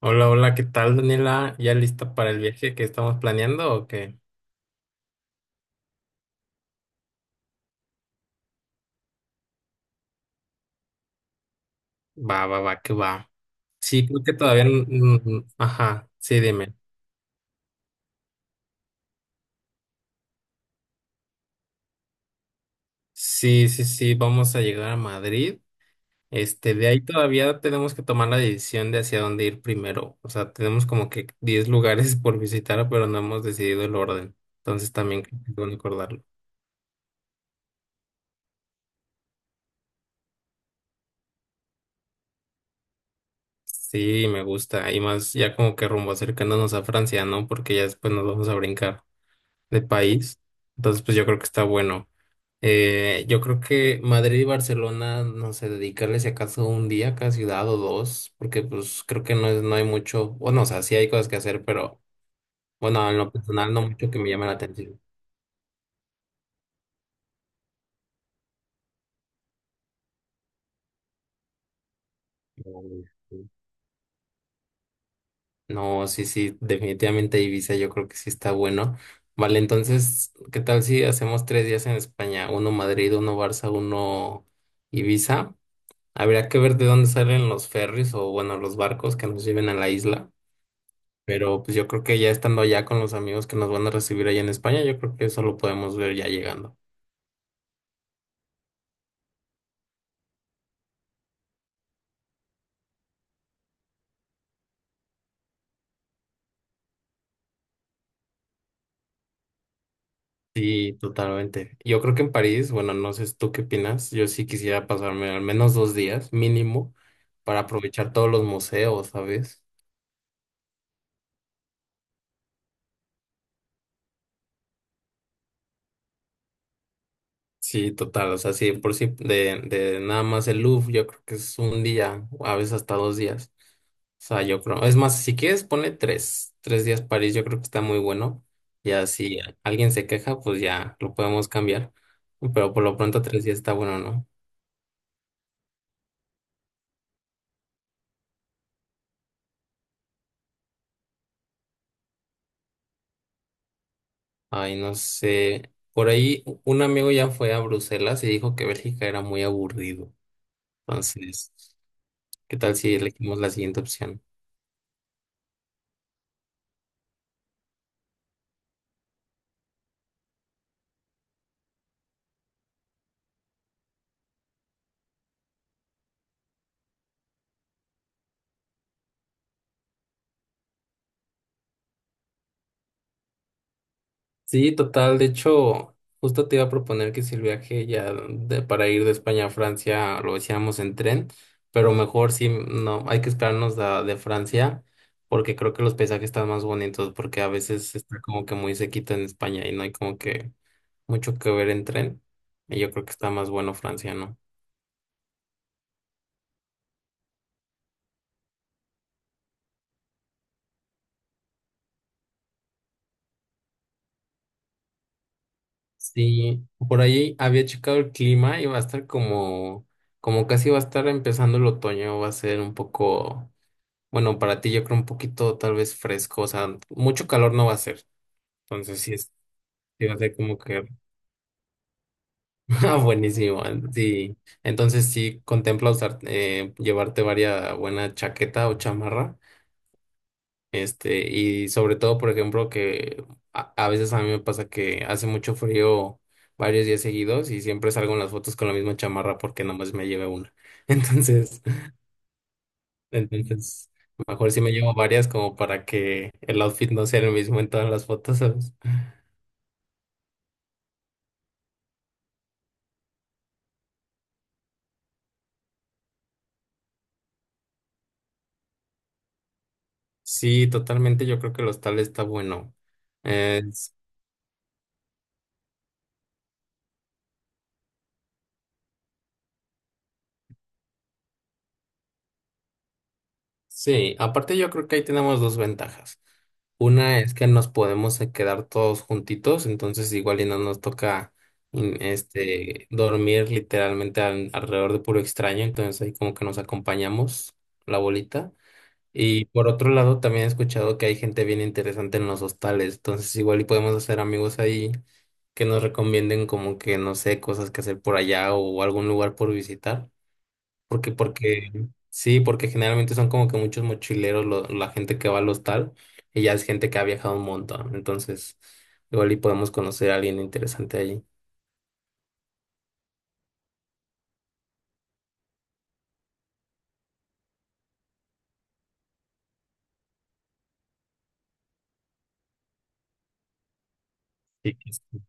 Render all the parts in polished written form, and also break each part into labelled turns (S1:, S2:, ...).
S1: Hola, hola, ¿qué tal, Daniela? ¿Ya lista para el viaje que estamos planeando o qué? Va, va, va, que va. Sí, creo que todavía... Ajá, sí, dime. Sí, sí, sí, vamos a llegar a Madrid. Este, de ahí todavía tenemos que tomar la decisión de hacia dónde ir primero. O sea, tenemos como que 10 lugares por visitar, pero no hemos decidido el orden. Entonces también creo que es bueno acordarlo. Sí, me gusta. Y más ya como que rumbo acercándonos a Francia, ¿no? Porque ya después nos vamos a brincar de país. Entonces, pues yo creo que está bueno. Yo creo que Madrid y Barcelona, no sé, dedicarles si acaso un día a cada ciudad o dos, porque pues creo que no es, no hay mucho, bueno, o sea, sí hay cosas que hacer, pero bueno, en lo personal no mucho que me llame la atención. No, sí, sí, definitivamente Ibiza yo creo que sí está bueno. Vale, entonces, ¿qué tal si hacemos 3 días en España? Uno Madrid, uno Barça, uno Ibiza. Habría que ver de dónde salen los ferries o, bueno, los barcos que nos lleven a la isla. Pero pues yo creo que ya estando allá con los amigos que nos van a recibir allá en España, yo creo que eso lo podemos ver ya llegando. Sí, totalmente. Yo creo que en París, bueno, no sé tú qué opinas, yo sí quisiera pasarme al menos 2 días mínimo para aprovechar todos los museos, ¿sabes? Sí, total, o sea, sí, por sí, de nada más el Louvre, yo creo que es un día, o a veces hasta dos días. O sea, yo creo, es más, si quieres, ponle tres días París, yo creo que está muy bueno. Ya si alguien se queja, pues ya lo podemos cambiar. Pero por lo pronto 3 días está bueno, ¿no? Ay, no sé. Por ahí un amigo ya fue a Bruselas y dijo que Bélgica era muy aburrido. Entonces, ¿qué tal si elegimos la siguiente opción? Sí, total. De hecho, justo te iba a proponer que si el viaje ya para ir de España a Francia lo hiciéramos en tren, pero mejor sí, no, hay que esperarnos la de Francia porque creo que los paisajes están más bonitos porque a veces está como que muy sequito en España y no hay como que mucho que ver en tren. Y yo creo que está más bueno Francia, ¿no? Sí, por ahí había checado el clima y va a estar como, como casi va a estar empezando el otoño, va a ser un poco... Bueno, para ti yo creo un poquito tal vez fresco, o sea, mucho calor no va a ser. Entonces sí, es, sí va a ser como que... Ah, buenísimo. Sí. Entonces sí contempla usar, llevarte varias buena chaqueta o chamarra. Este, y sobre todo, por ejemplo, que a veces a mí me pasa que hace mucho frío varios días seguidos y siempre salgo en las fotos con la misma chamarra porque nomás me lleve una. Entonces, entonces... Mejor si me llevo varias como para que el outfit no sea el mismo en todas las fotos, ¿sabes? Sí, totalmente. Yo creo que el hostal está bueno. Es- sí, aparte yo creo que ahí tenemos dos ventajas. Una es que nos podemos quedar todos juntitos, entonces igual y no nos toca este, dormir literalmente alrededor de puro extraño, entonces ahí como que nos acompañamos la bolita. Y por otro lado, también he escuchado que hay gente bien interesante en los hostales, entonces igual y podemos hacer amigos ahí que nos recomienden como que, no sé, cosas que hacer por allá o algún lugar por visitar. Porque, sí, porque generalmente son como que muchos mochileros la gente que va al hostal y ya es gente que ha viajado un montón, entonces igual y podemos conocer a alguien interesante allí. Sí,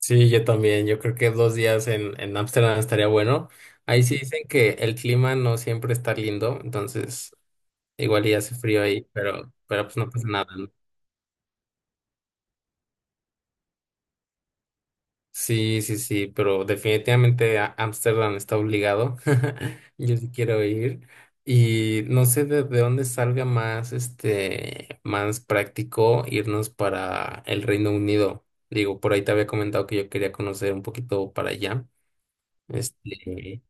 S1: Sí, yo también, yo creo que dos días en, Ámsterdam estaría bueno. Ahí sí dicen que el clima no siempre está lindo, entonces Igual y hace frío ahí, pero pues no pasa nada, ¿no? Sí, sí, sí, pero definitivamente Ámsterdam está obligado. Yo sí quiero ir. Y no sé de dónde salga más, este, más práctico irnos para el Reino Unido. Digo, por ahí te había comentado que yo quería conocer un poquito para allá. Este,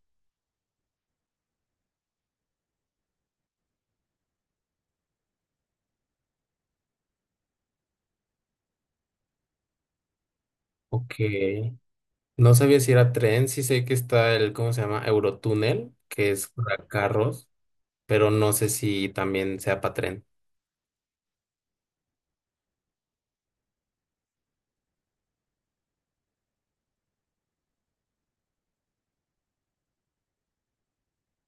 S1: ok. No sabía si era tren, sí sé que está el, ¿cómo se llama? Eurotúnel, que es para carros, pero no sé si también sea para tren.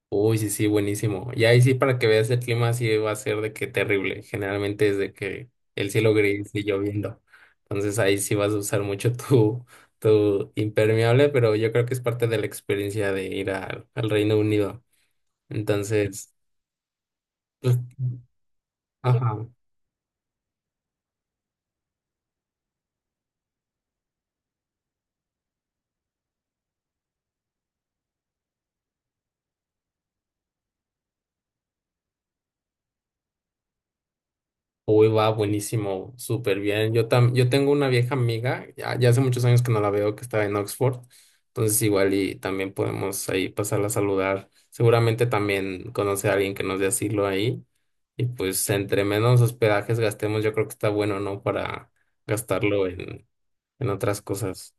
S1: Uy, sí, sí, buenísimo. Y ahí sí, para que veas el clima, sí va a ser de que terrible. Generalmente es de que el cielo gris y lloviendo. Entonces ahí sí vas a usar mucho tu, impermeable, pero yo creo que es parte de la experiencia de ir al Reino Unido. Entonces, pues, ajá. Uy, va buenísimo, súper bien. Yo tengo una vieja amiga, ya hace muchos años que no la veo, que estaba en Oxford, entonces igual y también podemos ahí pasarla a saludar. Seguramente también conoce a alguien que nos dé asilo ahí. Y pues entre menos hospedajes gastemos, yo creo que está bueno, ¿no? Para gastarlo en otras cosas.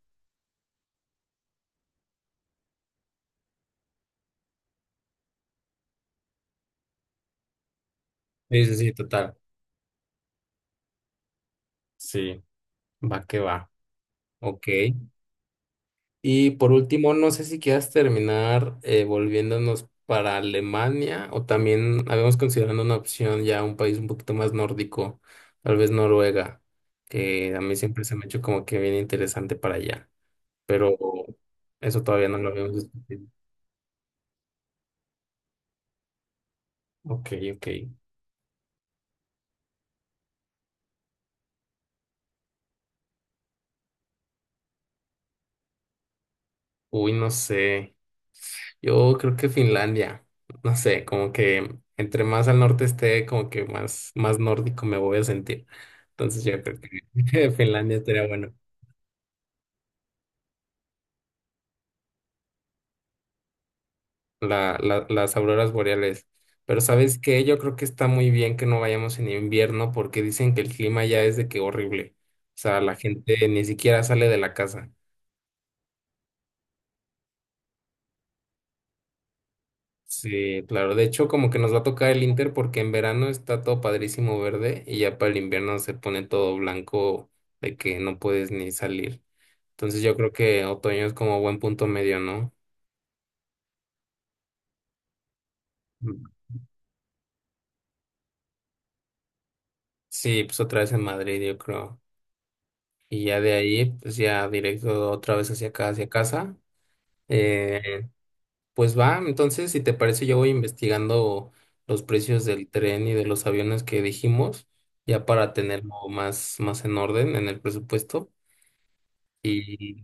S1: Sí, sí, sí, total. Sí, va que va. Ok. Y por último, no sé si quieras terminar volviéndonos para Alemania o también habíamos considerado una opción ya un país un poquito más nórdico, tal vez Noruega, que a mí siempre se me ha hecho como que bien interesante para allá, pero eso todavía no lo habíamos discutido. Ok, ok. Uy, no sé. Yo creo que Finlandia, no sé, como que entre más al norte esté, como que más, más nórdico me voy a sentir. Entonces yo creo que Finlandia estaría bueno. Las auroras boreales. Pero ¿sabes qué? Yo creo que está muy bien que no vayamos en invierno porque dicen que el clima ya es de que horrible. O sea, la gente ni siquiera sale de la casa. Sí, claro. De hecho, como que nos va a tocar el Inter porque en verano está todo padrísimo verde y ya para el invierno se pone todo blanco de que no puedes ni salir. Entonces yo creo que otoño es como buen punto medio, ¿no? Mm. Sí, pues otra vez en Madrid, yo creo. Y ya de ahí, pues ya directo otra vez hacia acá, hacia casa. Eh, pues va, entonces, si te parece, yo voy investigando los precios del tren y de los aviones que dijimos, ya para tenerlo más, más en orden en el presupuesto. Y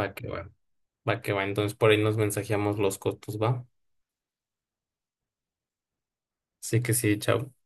S1: va que va, va que va. Entonces, por ahí nos mensajeamos los costos, va. Así que sí, chao.